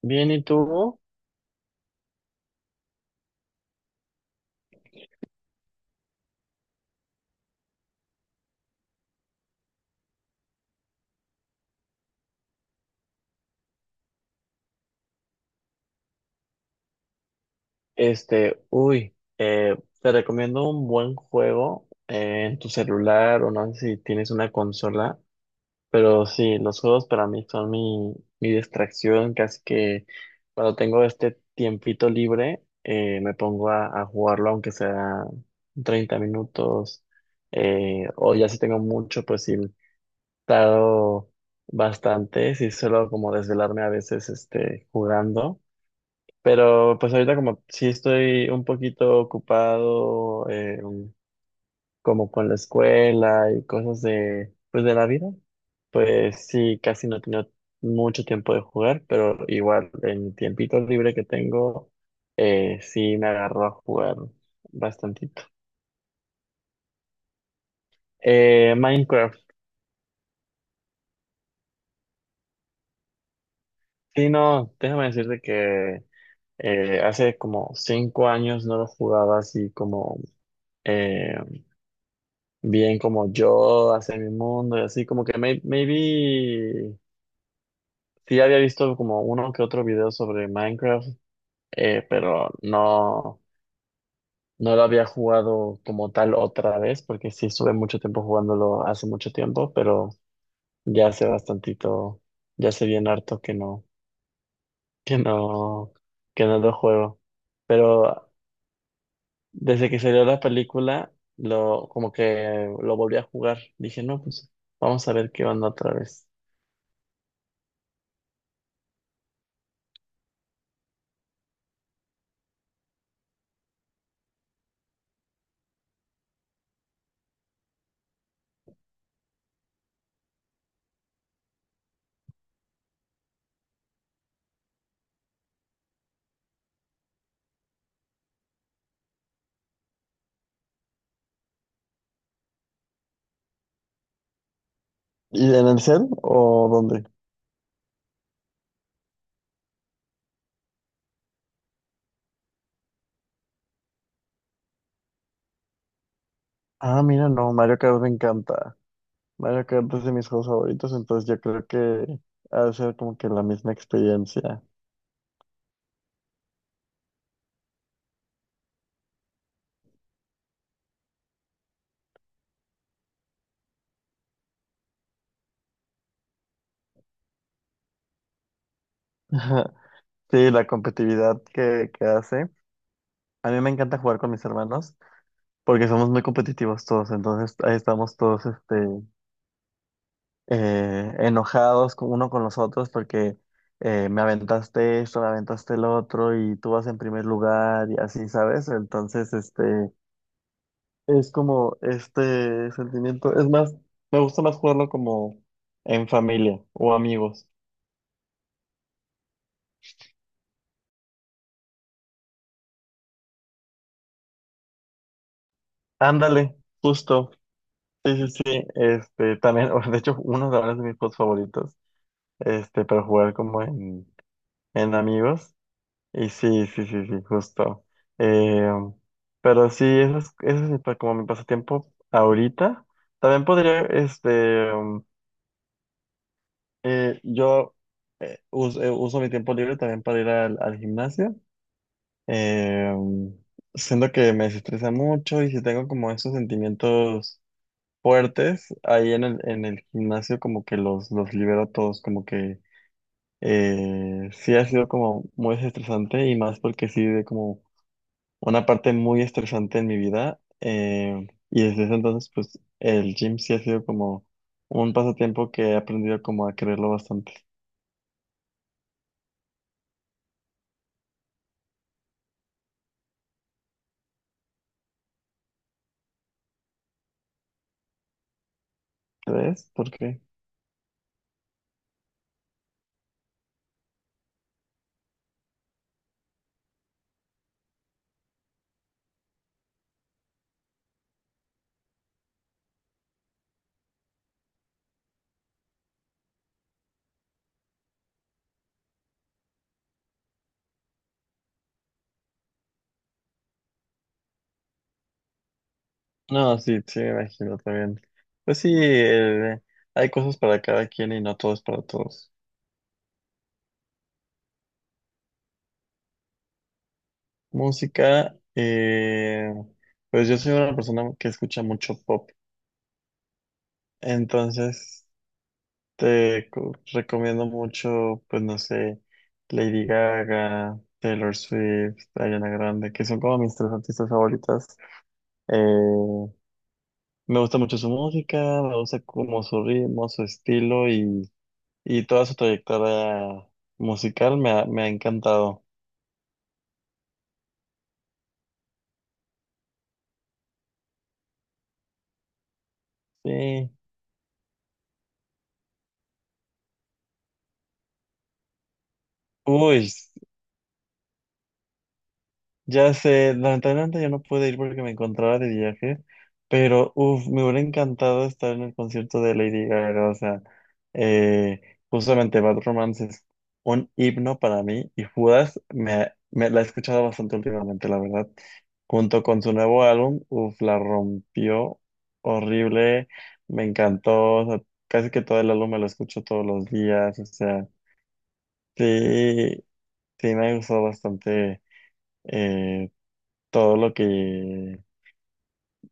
Bien, ¿y tú? Te recomiendo un buen juego en tu celular o no sé si tienes una consola, pero sí, los juegos para mí son mi distracción, casi que cuando tengo este tiempito libre me pongo a jugarlo aunque sea 30 minutos, o ya si tengo mucho, pues sí, tardo bastante, sí suelo como desvelarme a veces este, jugando. Pero pues ahorita como sí estoy un poquito ocupado, como con la escuela y cosas de pues de la vida, pues sí, casi no he tenido mucho tiempo de jugar, pero igual en mi tiempito libre que tengo, sí me agarro a jugar bastantito. Minecraft, sí, no, déjame decirte que hace como 5 años no lo jugaba así, como... eh, bien como yo hacia mi mundo y así, como que maybe sí había visto como uno que otro video sobre Minecraft, pero no, no lo había jugado como tal otra vez, porque sí estuve mucho tiempo jugándolo hace mucho tiempo, pero ya hace bastantito, ya hace bien harto que no, que no lo juego. Pero desde que salió la película, como que lo volví a jugar, dije, no, pues vamos a ver qué onda otra vez. ¿Y en el cel o dónde? Ah, mira, no, Mario Kart me encanta. Mario Kart es de mis juegos favoritos, entonces yo creo que ha de ser como que la misma experiencia. Ajá. Sí, la competitividad que hace. A mí me encanta jugar con mis hermanos porque somos muy competitivos todos, entonces ahí estamos todos este, enojados uno con los otros porque me aventaste esto, me aventaste el otro y tú vas en primer lugar y así, ¿sabes? Entonces, este. Es como este sentimiento. Es más, me gusta más jugarlo como en familia o amigos. Ándale, justo. Sí, sí, sí. Este, también, de hecho, uno de ahora es de mis juegos favoritos. Este, para jugar como en amigos. Y sí, sí, sí, sí, justo. Eh, pero sí, eso es mi como mi pasatiempo ahorita. También podría, este, yo, uso mi tiempo libre también para ir al gimnasio. Eh, siento que me desestresa mucho y si tengo como esos sentimientos fuertes, ahí en el gimnasio como que los libero todos, como que sí ha sido como muy desestresante y más porque sí de como una parte muy estresante en mi vida. Y desde ese entonces pues el gym sí ha sido como un pasatiempo que he aprendido como a quererlo bastante. ¿Ves? ¿Por qué? No, sí, sí, me imagino también. Pues sí, hay cosas para cada quien y no todo es para todos. Música, pues yo soy una persona que escucha mucho pop, entonces te recomiendo mucho, pues no sé, Lady Gaga, Taylor Swift, Ariana Grande, que son como mis tres artistas favoritas. Eh, me gusta mucho su música, me gusta como su ritmo, su estilo y toda su trayectoria musical me ha encantado. Sí. Uy, ya sé, lamentablemente yo no pude ir porque me encontraba de viaje, pero uff, me hubiera encantado estar en el concierto de Lady Gaga, o sea, eh, justamente Bad Romance es un himno para mí y Judas me la he escuchado bastante últimamente, la verdad. Junto con su nuevo álbum, uff, la rompió horrible, me encantó, o sea, casi que todo el álbum me lo escucho todos los días, o sea, sí, sí me ha gustado bastante, eh, todo lo que,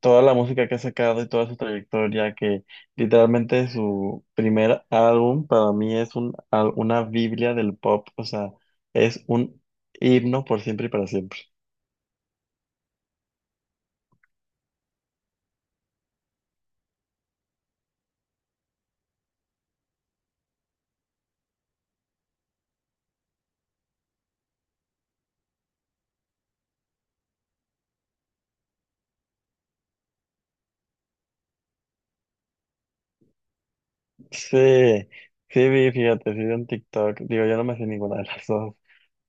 toda la música que ha sacado y toda su trayectoria, que literalmente su primer álbum para mí es una biblia del pop, o sea, es un himno por siempre y para siempre. Sí, sí vi, fíjate, sí vi en TikTok, digo, yo no me sé ninguna de las dos,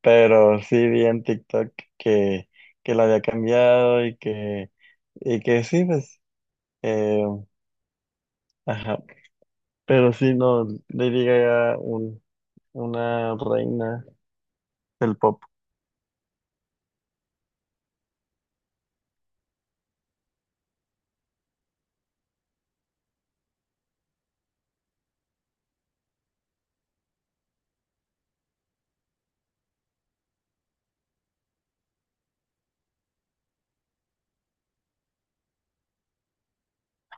pero sí vi en TikTok que la había cambiado y que sí, pues, eh, ajá, pero sí, no, Lady Gaga, una reina. El pop.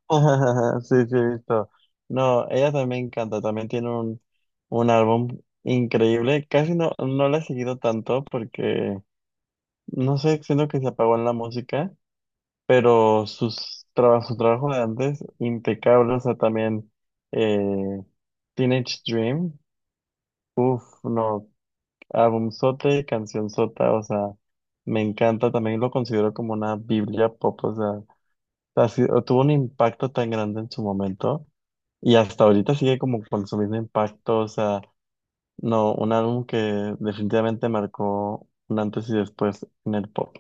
Sí, sí, he visto. No, ella también canta, también tiene un álbum increíble. Casi no la he seguido tanto porque, no sé, siento que se apagó en la música, pero sus trabajos, su trabajo de antes, impecable. O sea, también, eh, Teenage Dream, uff, no, álbum sote, canción sota, o sea, me encanta. También lo considero como una Biblia pop, o sea, tuvo un impacto tan grande en su momento. Y hasta ahorita sigue como con su mismo impacto, o sea, no, un álbum que definitivamente marcó un antes y después en el pop.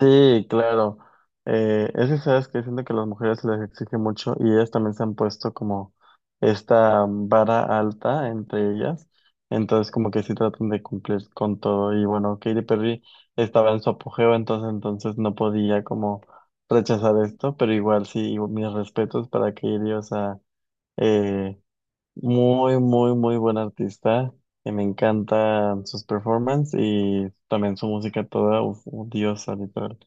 Sí, claro. Es que sabes que siento que a las mujeres se les exige mucho y ellas también se han puesto como esta vara alta entre ellas, entonces como que sí tratan de cumplir con todo y bueno, Katy Perry estaba en su apogeo, entonces no podía como rechazar esto, pero igual sí, mis respetos para Katy, o sea, eh, muy, muy, muy buen artista. Y me encantan sus performances y también su música toda, uf, un diosa, literal.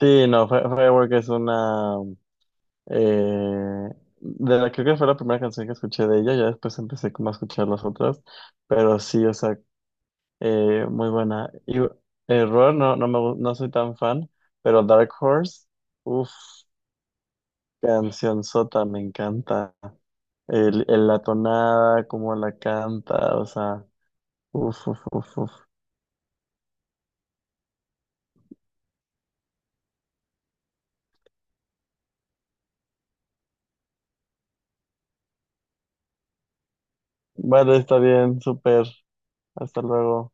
Sí, no, Firework es una. eh, de la, creo que fue la primera canción que escuché de ella, ya después empecé como a escuchar las otras, pero sí, o sea, muy buena. Y Error, no, no, no soy tan fan, pero Dark Horse, uff, canción sota, me encanta. La tonada, cómo la canta, o sea. Uf, uf, uf, uf. Vale, está bien, súper. Hasta luego.